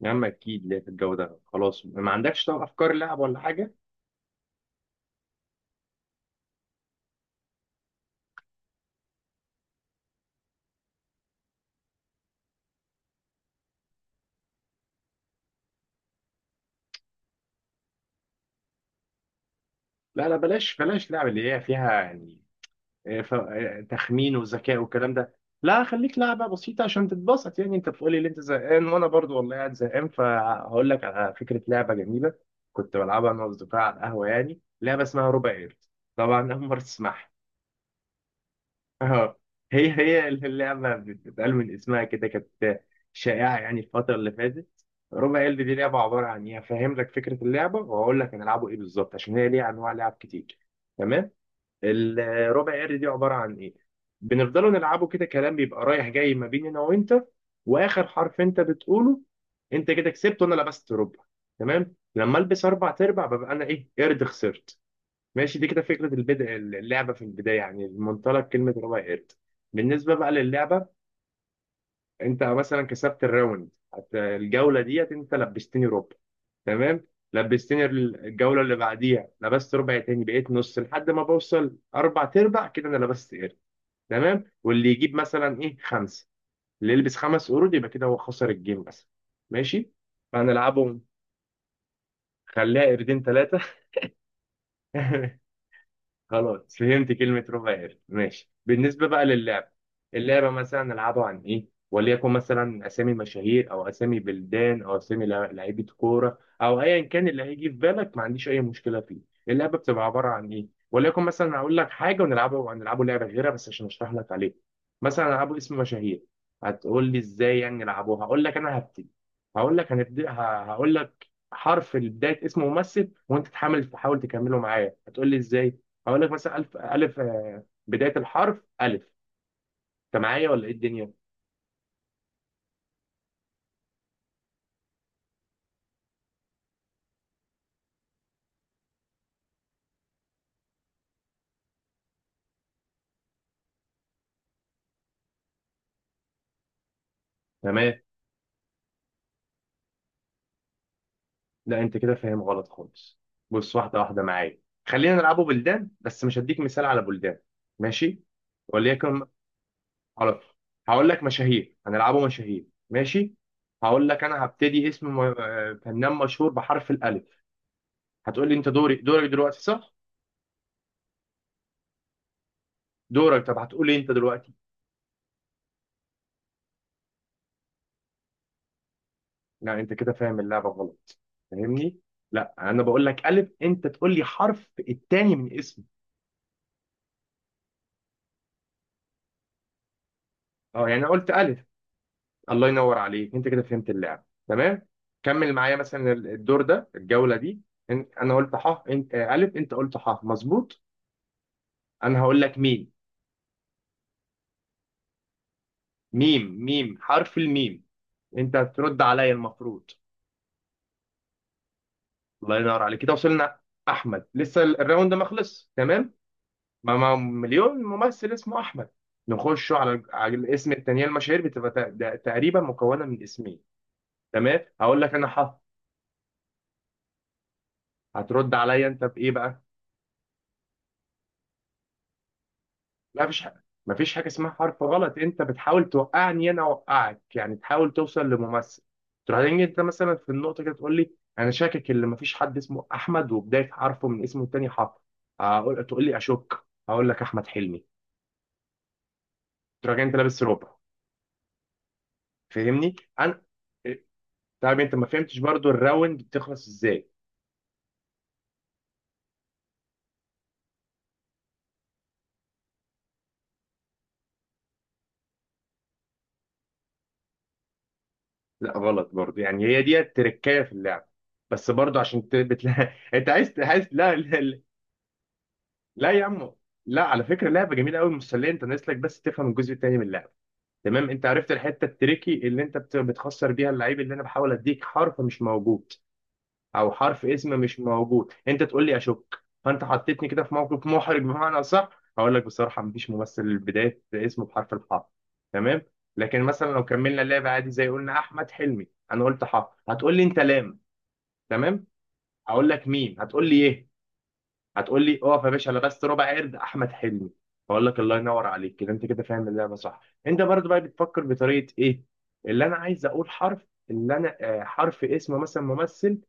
يا عم، اكيد ليه في الجو ده. خلاص ما عندكش طب افكار لعب ولا حاجه؟ لا لا، بلاش بلاش لعب اللي هي فيها يعني، تخمين وذكاء والكلام ده. لا، خليك لعبه بسيطه عشان تتبسط. يعني انت بتقولي ان انت زهقان وانا برضو والله قاعد زهقان، فهقول لك على فكره لعبه جميله كنت بلعبها انا واصدقائي على القهوه، يعني لعبه اسمها ربع قرد. طبعا اول مره تسمعها. اه، هي هي اللعبة بتتقال من اسمها كده. كانت شائعة يعني الفترة اللي فاتت. ربع قلب دي لعبة عبارة عن ايه، هفهم لك فكرة اللعبة وهقول لك هنلعبه ايه بالظبط عشان هي ليها انواع لعب كتير. تمام. الربع قلب دي عبارة عن ايه، بنفضلوا نلعبه كده كلام بيبقى رايح جاي ما بين انا وانت، واخر حرف انت بتقوله انت كده كسبت وانا لبست ربع. تمام. لما البس اربع تربع ببقى انا ايه، قرد، خسرت. ماشي، دي كده فكرة البدء اللعبة في البداية، يعني المنطلق كلمة ربع قرد. بالنسبة بقى للعبة، أنت مثلا كسبت الراوند، الجولة ديت أنت لبستني ربع. تمام. لبستني الجولة اللي بعديها لبست ربع تاني بقيت نص، لحد ما بوصل أربع أرباع كده أنا لبست قرد. تمام. واللي يجيب مثلا إيه، خمسة. اللي يلبس خمس قرود يبقى كده هو خسر الجيم مثلا. ماشي. فهنلعبهم خليها قردين ثلاثة. خلاص فهمت كلمة ربع قرد. ماشي، بالنسبة بقى للعبة، اللعبة مثلا نلعبها عن إيه؟ وليكن مثلا أسامي مشاهير، أو أسامي بلدان، أو أسامي لعيبة كورة، أو أيا كان اللي هيجي في بالك، ما عنديش أي مشكلة فيه. اللعبة بتبقى عبارة عن إيه؟ وليكن مثلا أقول لك حاجة، ونلعبه لعبة غيرها بس عشان أشرح لك عليها. مثلا ألعبه اسم مشاهير. هتقول لي إزاي يعني نلعبوها، هقول لك أنا هبتدي. هقول لك هنبدأ، هقول لك حرف بداية اسم ممثل، وأنت تحاول تكمله معايا. هتقول لي إزاي؟ هقول لك مثلا ألف ألف، بداية الحرف ألف. أنت معايا ولا إيه الدنيا؟ تمام. لا، أنت كده فاهم غلط خالص. بص، واحدة واحدة معايا. خلينا نلعبه بلدان، بس مش هديك مثال على بلدان. ماشي، وليكن، خلاص. هقول لك مشاهير، هنلعبه مشاهير، ماشي. هقول لك أنا هبتدي اسم فنان مشهور بحرف الألف. هتقول لي أنت دورك دلوقتي صح؟ دورك. طب هتقول لي أنت دلوقتي. لا، انت كده فاهم اللعبه غلط، فاهمني؟ لا، انا بقول لك الف، انت تقول لي حرف التاني من اسمه. اه، يعني انا قلت الف. الله ينور عليك، انت كده فهمت اللعبه. تمام، كمل معايا مثلا، الدور ده الجوله دي. انا قلت ح، انت الف، انت قلت ح، مظبوط. انا هقول لك ميم. ميم ميم، حرف الميم. انت هترد عليا المفروض. الله ينور عليك، كده وصلنا. احمد، لسه الراوند ده ما خلص، تمام. ما مليون ممثل اسمه احمد. نخش على الاسم التانيين. المشاهير بتبقى ده تقريبا مكونه من اسمين. تمام. هقول لك انا حرف، هترد عليا انت بايه بقى؟ لا، مفيش حاجه، مفيش حاجه اسمها حرف غلط. انت بتحاول توقعني، انا اوقعك يعني، تحاول توصل لممثل. تروح تيجي انت مثلا في النقطه كده تقول لي انا شاكك ان مفيش حد اسمه احمد، وبدايه حرفه من اسمه التاني حرف. تقول لي اشك، هقول لك احمد حلمي. تروح جاي انت لابس ربع، فاهمني انا؟ طب انت ما فهمتش برضو الراوند بتخلص ازاي؟ لا غلط برضو، يعني هي دي التركية في اللعب. بس برضو عشان انت عايز. لا لا، لا. لا يا عم. لا، على فكرة لعبة جميلة قوي مسلية. انت ناقص لك بس تفهم الجزء التاني من اللعبة. تمام، انت عرفت الحتة التريكي اللي انت بتخسر بيها. اللعيب اللي انا بحاول اديك حرف مش موجود، او حرف اسم مش موجود، انت تقول لي اشك، فانت حطيتني كده في موقف محرج بمعنى اصح. هقول لك بصراحه مفيش ممثل بدايه اسمه بحرف الحاء. تمام. لكن مثلا لو كملنا اللعب عادي، زي قلنا احمد حلمي، انا قلت حاء هتقول لي انت لام. تمام. هقول لك ميم هتقول لي ايه، هتقول لي اقف يا باشا، لبست ربع قرد، احمد حلمي. هقول لك الله ينور عليك، كده انت كده فاهم اللعبه صح. انت برضو بقى بتفكر بطريقه ايه، اللي انا عايز اقول حرف، اللي انا حرف اسم مثلا ممثل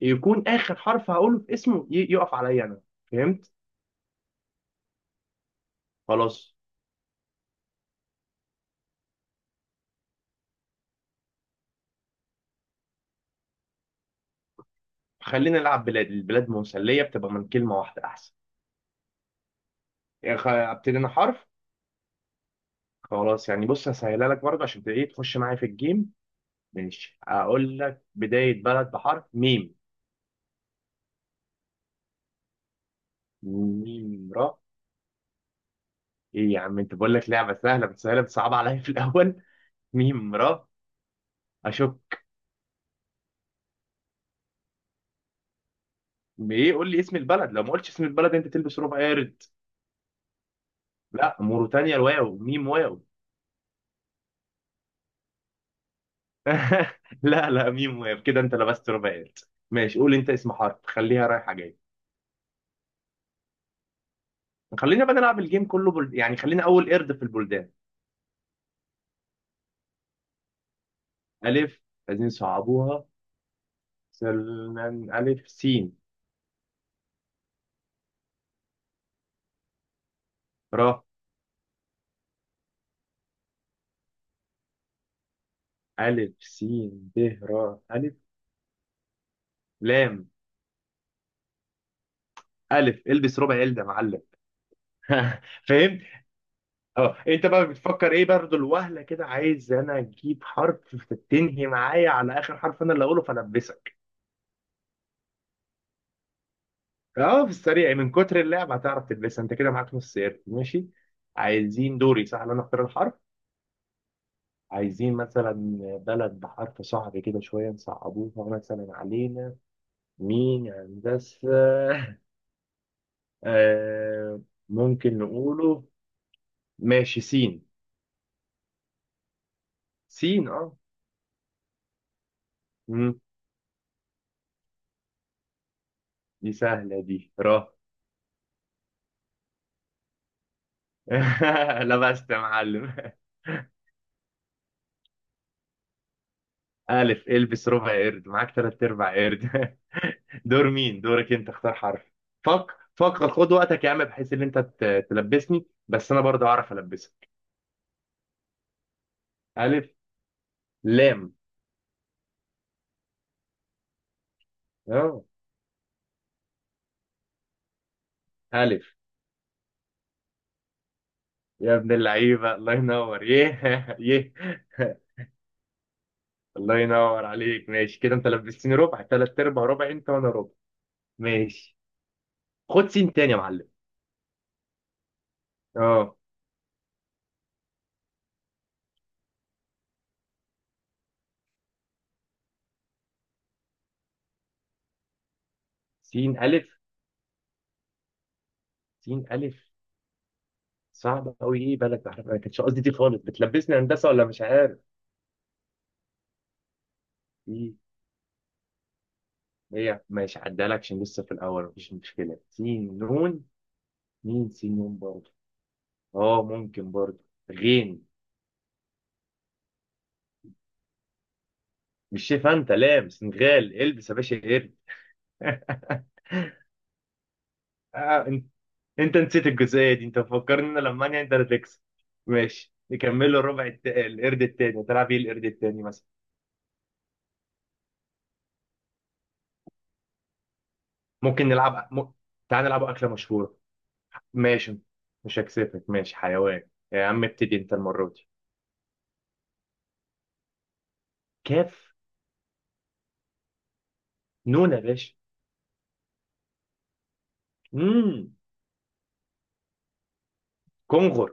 يكون اخر حرف هقوله في اسمه يقف عليا انا. فهمت؟ خلاص، خلينا نلعب بلاد. البلاد مسليه بتبقى من كلمه واحده احسن. يعني ابتدي انا حرف. خلاص، يعني بص، هسهلها لك برضه عشان تبقى ايه، تخش معايا في الجيم. ماشي، اقول لك بدايه بلد بحرف ميم. ميم را. ايه يا عم، انت بقول لك لعبه سهله بس، سهله بتصعب عليا في الاول. ميم را. اشوف. ايه، قول لي اسم البلد، لو ما قلتش اسم البلد انت تلبس ربع قارد. لا موريتانيا الواو، ميم واو. لا لا، ميم واقف كده، انت لبست رباعيات. ماشي، قول انت اسم حرف، خليها رايحه جايه. خلينا بقى نلعب الجيم كله يعني خلينا اول قرد في البلدان. الف. عايزين صعبوها. سلمان، الف سين، را الف سين ب، را الف لام. الف، البس ربع ال ده يا معلم. فهمت. اه، انت بقى بتفكر ايه برضه الوهله كده، عايز انا اجيب حرف تنهي معايا على اخر حرف انا اللي اقوله فالبسك. اه، في السريع من كتر اللعب هتعرف تلبسها. انت كده معاك نص قرد، ماشي. عايزين دوري صح اللي انا اختار الحرف. عايزين مثلا بلد بحرف صعب كده شويه، نصعبوها مثلا علينا. مين يا هندسه؟ آه ممكن نقوله. ماشي، سين. سين اه. مم. دي سهله دي. را. لبست يا معلم. ألف. البس ربع قرد، معاك تلات أرباع قرد. دور مين، دورك أنت، اختار حرف. فك فكر، خد وقتك يا عم، بحيث إن أنت تلبسني بس أنا برضه أعرف ألبسك. ألف لام. أه. ألف. يا ابن اللعيبة، الله ينور. يه. يه. الله ينور عليك، ماشي كده. أنت لبستني ربع، تلات أرباع ربع أنت وأنا ربع. ماشي، خد سين تاني يا معلم. أه. سين ألف. سين ألف صعب قوي، ايه بلد بحرف، انا كانش قصدي دي خالص، بتلبسني هندسه ولا مش عارف ايه. هي ماشي عدالك عشان لسه في الأول مفيش مشكلة. سين نون. مين سين نون برضه؟ اه ممكن برضه. غين. مش شايف انت لام سنغال، البس يا باشا قرد. آه، انت انت نسيت الجزئية دي، انت مفكرني ان المانيا انت اللي تكسب. ماشي. نكمله الربع القرد التاني، تلعب ايه القرد التاني مثلا. ممكن تعال نلعب أكلة مشهورة. ماشي، مش هكسفك. ماشي حيوان، يا عم ابتدي انت المرة دي. كاف نون يا باشا. امم كونغر.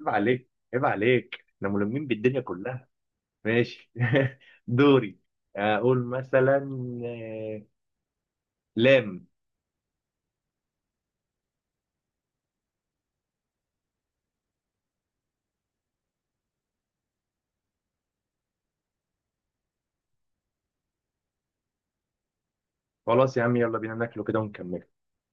عيب عليك، عيب عليك، احنا ملمين بالدنيا كلها. ماشي. دوري، اقول مثلا آه، لام. خلاص يا عم، يلا بينا ناكله كده ونكمل.